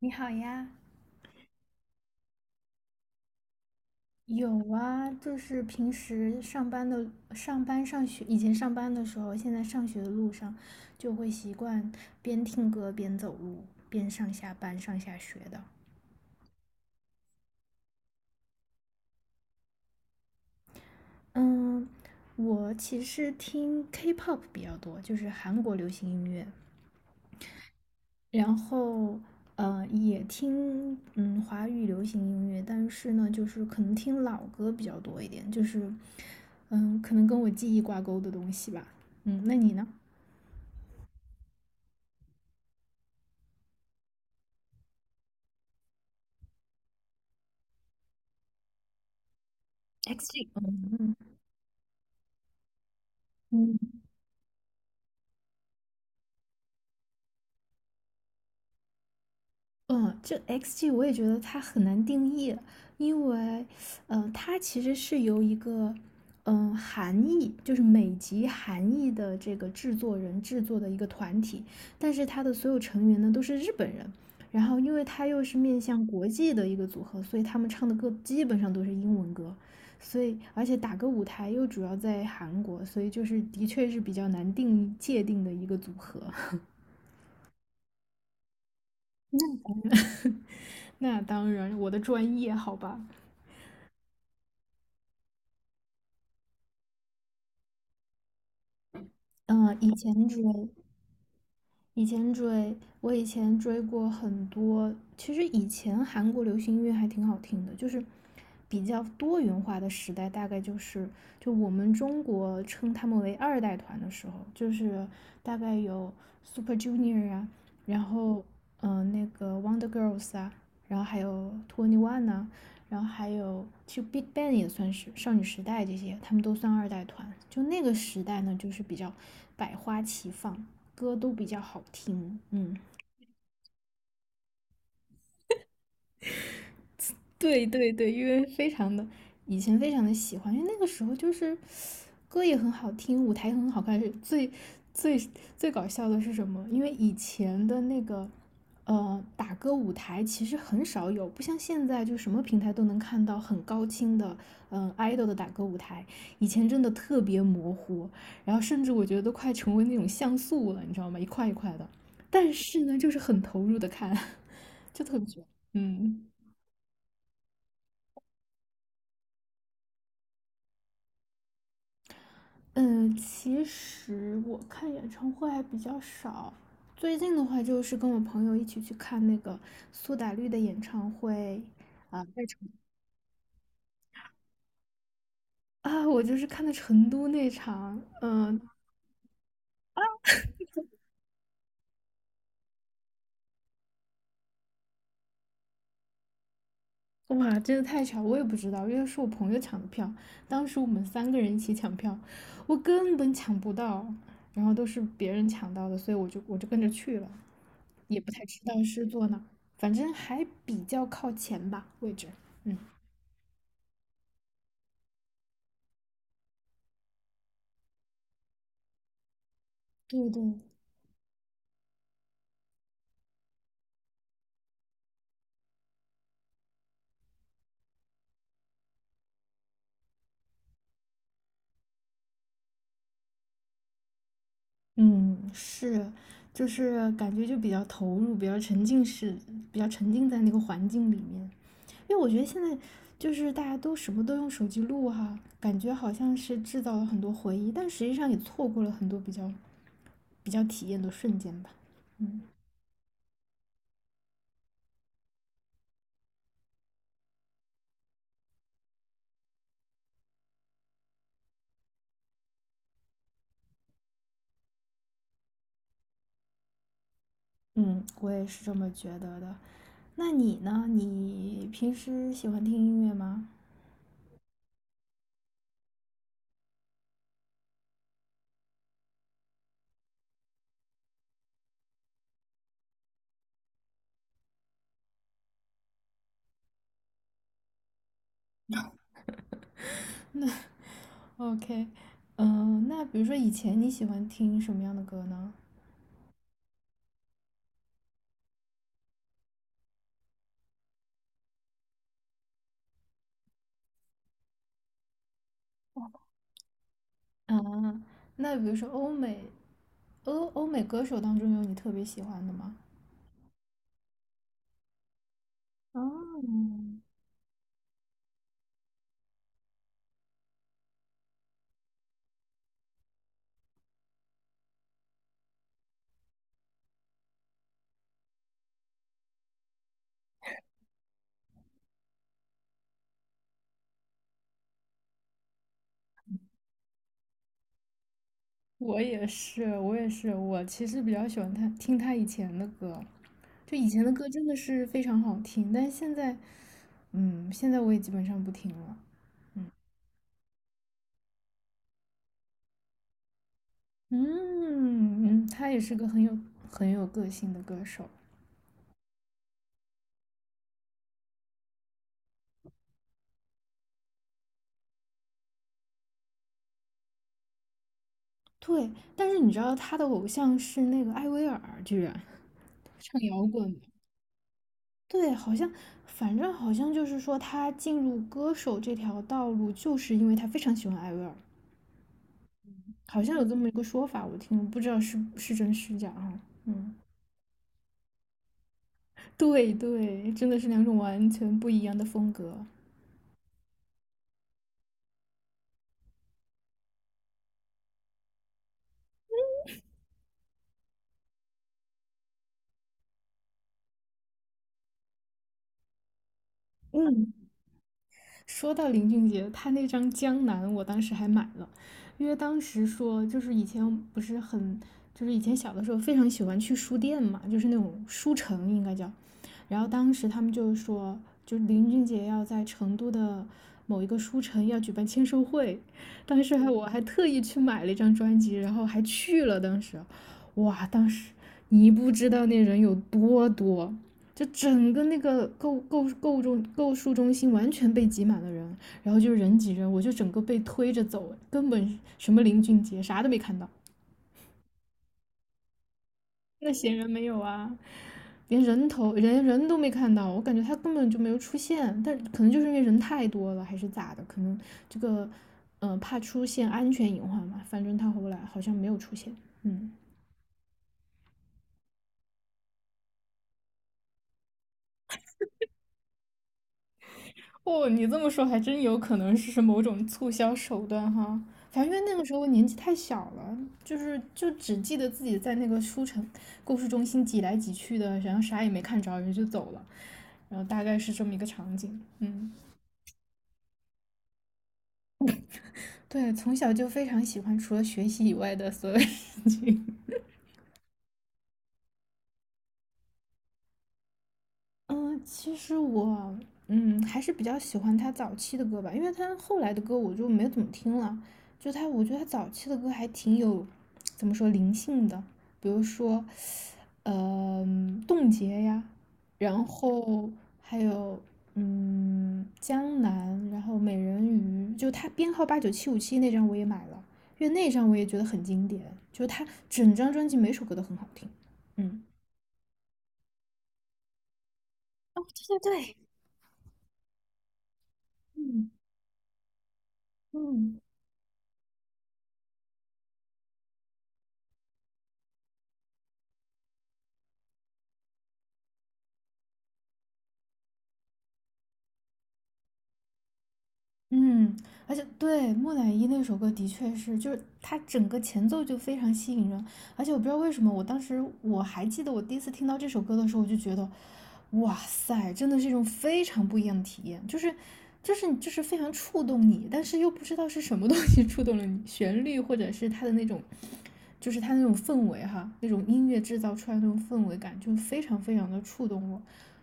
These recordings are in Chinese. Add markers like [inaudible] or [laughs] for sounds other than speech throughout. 你好呀，有啊，就是平时上班上学，以前上班的时候，现在上学的路上，就会习惯边听歌边走路，边上下班、上下学的。嗯，我其实听 K-pop 比较多，就是韩国流行音乐，然后也听华语流行音乐，但是呢，就是可能听老歌比较多一点，就是可能跟我记忆挂钩的东西吧。嗯，那你呢？XG，嗯嗯嗯，这 XG 我也觉得它很难定义，因为，它其实是由一个，韩裔，就是美籍韩裔的这个制作人制作的一个团体，但是它的所有成员呢都是日本人，然后因为它又是面向国际的一个组合，所以他们唱的歌基本上都是英文歌，所以而且打歌舞台又主要在韩国，所以就是的确是比较难定义界定的一个组合。[laughs] [laughs] 那当然，我的专业好吧。嗯，以前追，我以前追过很多。其实以前韩国流行音乐还挺好听的，就是比较多元化的时代，大概就我们中国称他们为二代团的时候，就是大概有 Super Junior 啊，然后那个 Wonder Girls 啊，然后还有 Twenty One 呐、然后还有其实 Big Bang 也算是少女时代这些，他们都算二代团。就那个时代呢，就是比较百花齐放，歌都比较好听，嗯，对对对，因为非常的以前非常的喜欢，因为那个时候就是歌也很好听，舞台也很好看。是最最搞笑的是什么？因为以前的那个打歌舞台其实很少有，不像现在就什么平台都能看到很高清的idol 的打歌舞台，以前真的特别模糊，然后甚至我觉得都快成为那种像素了，你知道吗？一块一块的，但是呢，就是很投入的看，[laughs] 就特别喜欢，嗯。嗯，其实我看演唱会还比较少，最近的话就是跟我朋友一起去看那个苏打绿的演唱会啊，在成啊，我就是看的成都那场，嗯，哇，真的太巧，我也不知道，因为是我朋友抢的票，当时我们三个人一起抢票，我根本抢不到，然后都是别人抢到的，所以我就跟着去了，也不太知道是坐哪儿，反正还比较靠前吧，位置，嗯，对对。嗯，是，就是感觉就比较投入，比较沉浸式，比较沉浸在那个环境里面。因为我觉得现在就是大家都什么都用手机录哈，感觉好像是制造了很多回忆，但实际上也错过了很多比较体验的瞬间吧。嗯嗯，我也是这么觉得的。那你呢？你平时喜欢听音乐吗？OK，嗯，那比如说以前你喜欢听什么样的歌呢？啊，那比如说欧美歌手当中有你特别喜欢的吗？哦，我也是，我也是，我其实比较喜欢他听他以前的歌，就以前的歌真的是非常好听，但是现在，嗯，现在我也基本上不听了。嗯嗯，他也是个很有个性的歌手。对，但是你知道他的偶像是那个艾薇儿，居然唱摇滚。对，好像，反正好像就是说，他进入歌手这条道路，就是因为他非常喜欢艾薇儿，好像有这么一个说法，我听，不知道是真是假啊。嗯，对对，真的是两种完全不一样的风格。嗯，说到林俊杰，他那张《江南》，我当时还买了，因为当时说就是以前不是很，就是以前小的时候非常喜欢去书店嘛，就是那种书城应该叫，然后当时他们就说，就林俊杰要在成都的某一个书城要举办签售会，当时还我还特意去买了一张专辑，然后还去了，当时，哇，当时你不知道那人有多多，就整个那个购书中心完全被挤满了人，然后就是人挤人，我就整个被推着走，根本什么林俊杰啥都没看到，那显然没有啊，连人都没看到，我感觉他根本就没有出现，但可能就是因为人太多了还是咋的，可能这个怕出现安全隐患嘛，反正他后来好像没有出现，嗯。哦，你这么说还真有可能是某种促销手段哈。反正因为那个时候年纪太小了，就只记得自己在那个书城故事中心挤来挤去的，然后啥也没看着，人就走了，然后大概是这么一个场景。嗯，对，从小就非常喜欢除了学习以外的所有事情。嗯，其实我还是比较喜欢他早期的歌吧，因为他后来的歌我就没怎么听了。我觉得他早期的歌还挺有怎么说灵性的，比如说，冻结呀，然后还有江南，然后美人鱼，就他编号八九七五七那张我也买了，因为那张我也觉得很经典，就他整张专辑每首歌都很好听，嗯。嗯嗯。嗯，而且对，木乃伊那首歌的确是，就是它整个前奏就非常吸引人，而且我不知道为什么，我当时我还记得我第一次听到这首歌的时候，我就觉得，哇塞，真的是一种非常不一样的体验，就是非常触动你，但是又不知道是什么东西触动了你，旋律或者是它的那种，就是它那种氛围哈，那种音乐制造出来的那种氛围感，就非常非常的触动我。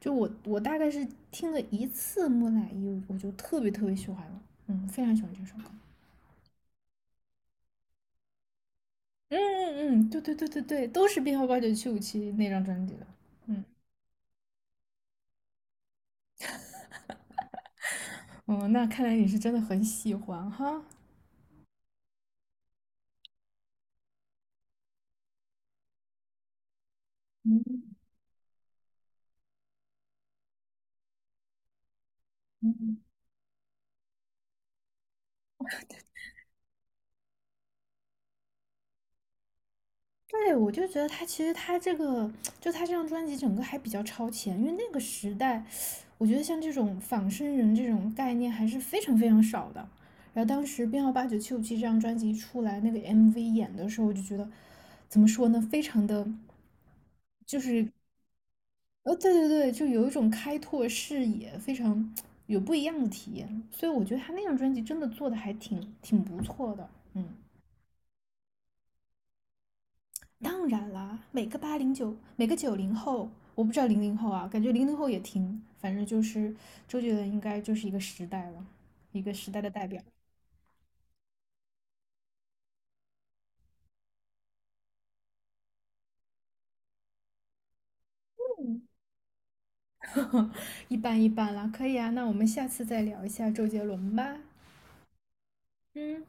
就我大概是听了一次《木乃伊》，我就特别特别喜欢了，嗯，非常喜欢这首歌。嗯嗯嗯，对对对对对，都是编号八九七五七那张专辑的。嗯哦，那看来你是真的很喜欢哈。对，我就觉得他其实他这个，[tsk] 就他这张专辑整个还比较超前，因为那个时代，我觉得像这种仿生人这种概念还是非常非常少的。然后当时编号八九七五七这张专辑一出来，那个 MV 演的时候，我就觉得怎么说呢，非常的。对对对，就有一种开拓视野，非常有不一样的体验。所以我觉得他那张专辑真的做的还挺不错的。嗯，当然啦，每个90后，我不知道零零后啊，感觉零零后也听，反正就是周杰伦应该就是一个时代了，一个时代的代表，[laughs] 一般一般啦，可以啊，那我们下次再聊一下周杰伦吧。嗯。